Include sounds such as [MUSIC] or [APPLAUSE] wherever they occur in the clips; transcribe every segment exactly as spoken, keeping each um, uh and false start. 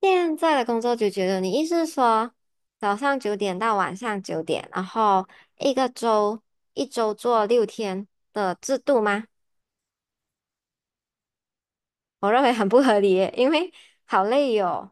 现在的工作就觉得，你意思是说早上九点到晚上九点，然后一个周一周做六天的制度吗？我认为很不合理耶，因为好累哟。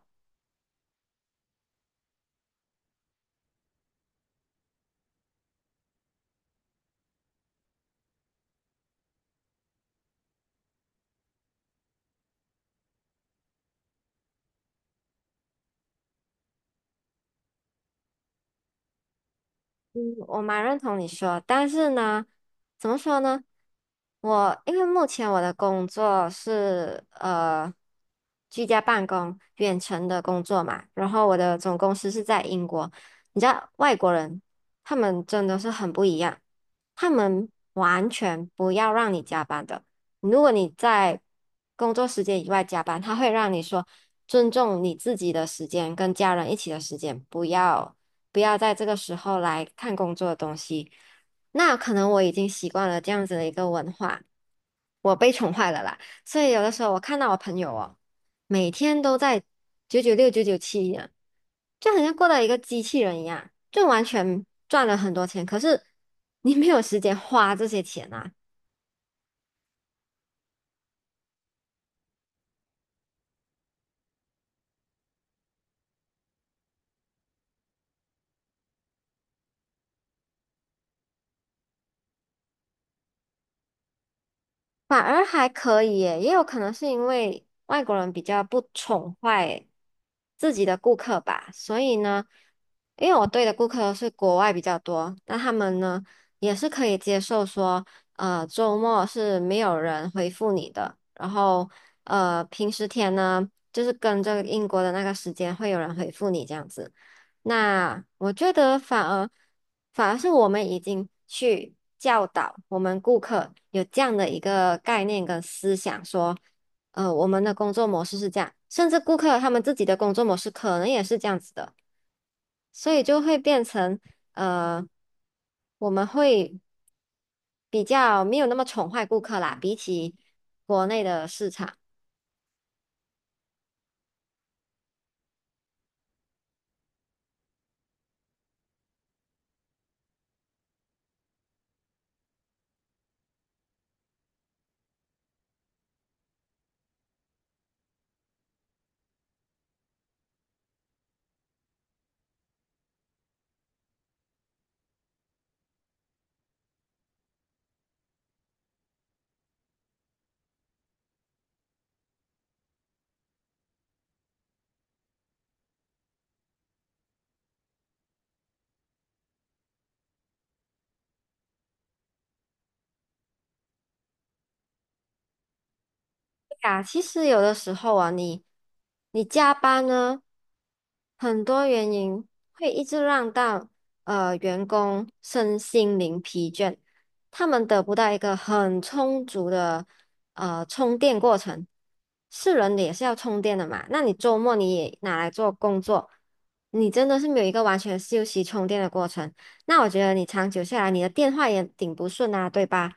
嗯，我蛮认同你说，但是呢，怎么说呢？我因为目前我的工作是呃居家办公、远程的工作嘛，然后我的总公司是在英国。你知道外国人他们真的是很不一样，他们完全不要让你加班的。如果你在工作时间以外加班，他会让你说尊重你自己的时间跟家人一起的时间，不要。不要在这个时候来看工作的东西。那可能我已经习惯了这样子的一个文化，我被宠坏了啦。所以有的时候我看到我朋友哦，每天都在九九六、九九七一样，就好像过了一个机器人一样，就完全赚了很多钱，可是你没有时间花这些钱啊。反而还可以耶，也有可能是因为外国人比较不宠坏自己的顾客吧，所以呢，因为我对的顾客都是国外比较多，那他们呢也是可以接受说，呃，周末是没有人回复你的，然后呃，平时天呢，就是跟着英国的那个时间会有人回复你这样子。那我觉得反而反而是我们已经去教导我们顾客有这样的一个概念跟思想，说，呃，我们的工作模式是这样，甚至顾客他们自己的工作模式可能也是这样子的，所以就会变成呃，我们会比较没有那么宠坏顾客啦，比起国内的市场。啊，其实有的时候啊，你你加班呢，很多原因会一直让到呃员工身心灵疲倦，他们得不到一个很充足的呃充电过程。是人的也是要充电的嘛，那你周末你也拿来做工作，你真的是没有一个完全休息充电的过程。那我觉得你长久下来，你的电话也顶不顺啊，对吧？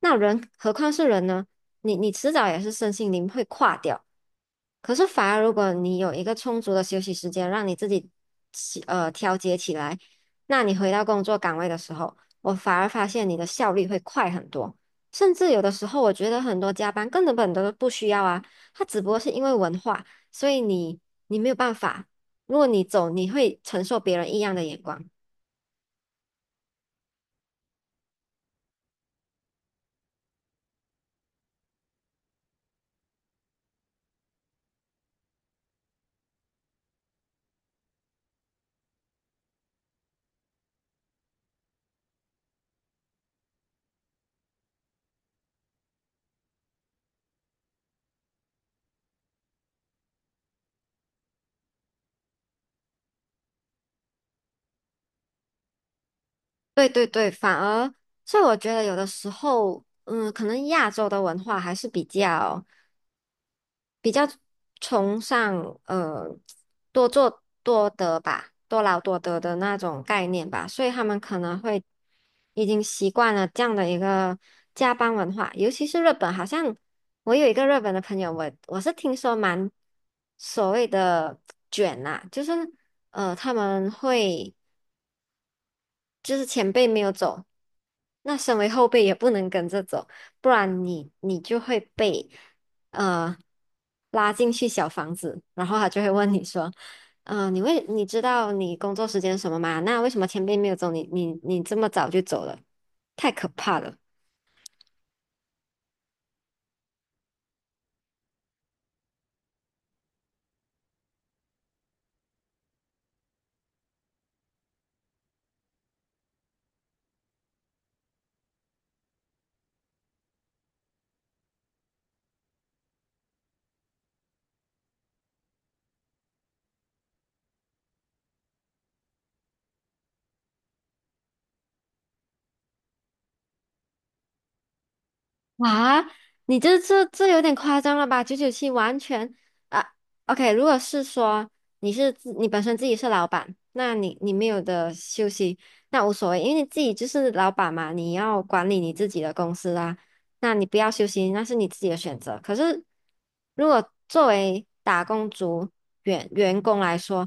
那人何况是人呢？你你迟早也是身心灵会垮掉。可是反而如果你有一个充足的休息时间，让你自己起呃调节起来，那你回到工作岗位的时候，我反而发现你的效率会快很多。甚至有的时候，我觉得很多加班根本都不需要啊，它只不过是因为文化，所以你你没有办法。如果你走，你会承受别人异样的眼光。对对对，反而，所以我觉得有的时候，嗯，可能亚洲的文化还是比较。比较。崇尚呃多做多得吧，多劳多得的那种概念吧，所以他们可能会已经习惯了这样的一个加班文化，尤其是日本，好像我有一个日本的朋友，我我是听说蛮所谓的 [TSK] 卷呐，就是呃他们会。就是前辈没有走，那身为后辈也不能跟着走，不然你你就会被呃拉进去小房子，然后他就会问你说，嗯，你为你知道你工作时间是什么吗？那为什么前辈没有走，你你你这么早就走了？太可怕了。哇，你这这这有点夸张了吧？九九七完全啊，OK，如果是说你是自你本身自己是老板，那你你没有的休息，那无所谓，因为你自己就是老板嘛，你要管理你自己的公司啊，那你不要休息，那是你自己的选择。可是如果作为打工族员员工来说，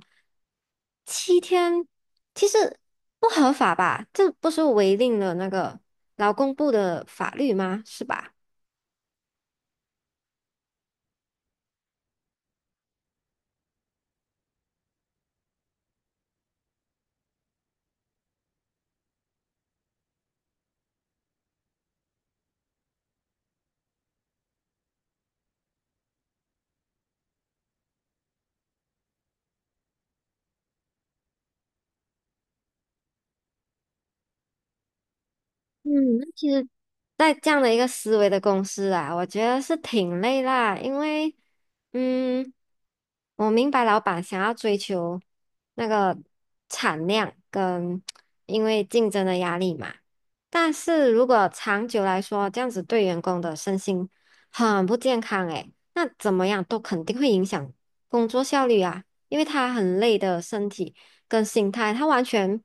七天其实不合法吧？这不是违令了那个劳工部的法律吗？是吧？嗯，那其实，在这样的一个思维的公司啊，我觉得是挺累啦，因为，嗯，我明白老板想要追求那个产量跟因为竞争的压力嘛，但是如果长久来说，这样子对员工的身心很不健康诶，那怎么样都肯定会影响工作效率啊，因为他很累的身体。跟心态，他完全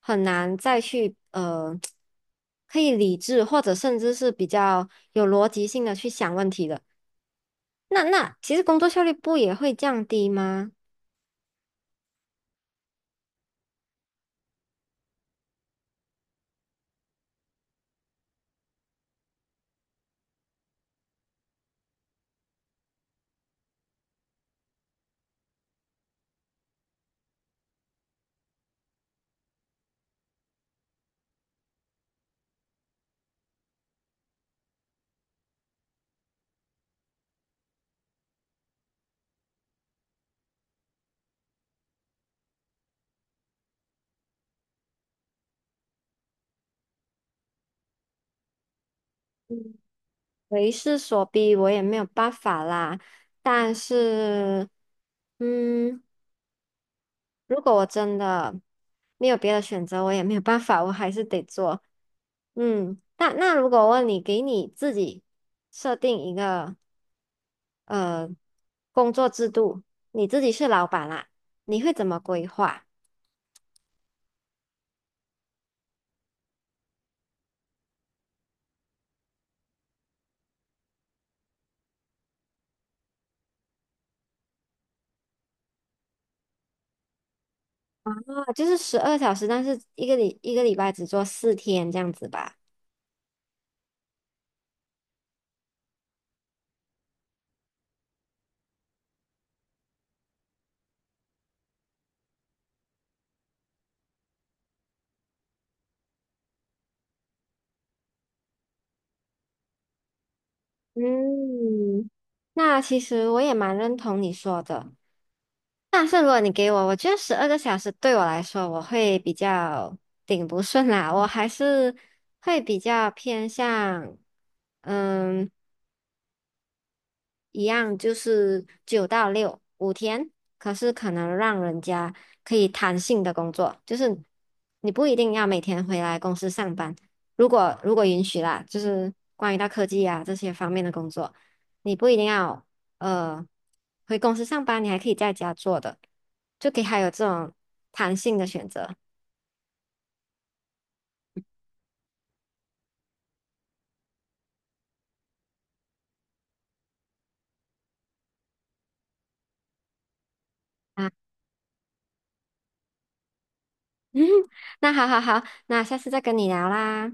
很难再去呃，可以理智或者甚至是比较有逻辑性的去想问题的。那那其实工作效率不也会降低吗？嗯，为势所逼，我也没有办法啦。但是，嗯，如果我真的没有别的选择，我也没有办法，我还是得做。嗯，那那如果问你，给你自己设定一个。呃工作制度，你自己是老板啦，你会怎么规划？啊，就是十二小时，但是一个礼一个礼拜只做四天这样子吧。嗯，那其实我也蛮认同你说的，但是如果你给我，我觉得十二个小时对我来说，我会比较顶不顺啦，我还是会比较偏向。嗯，一样就是九到六五天，可是可能让人家可以弹性的工作，就是你不一定要每天回来公司上班。如果如果允许啦，就是关于到科技啊这些方面的工作，你不一定要呃回公司上班，你还可以在家做的，就可以还有这种弹性的选择啊。[LAUGHS] 嗯，那好好好，那下次再跟你聊啦。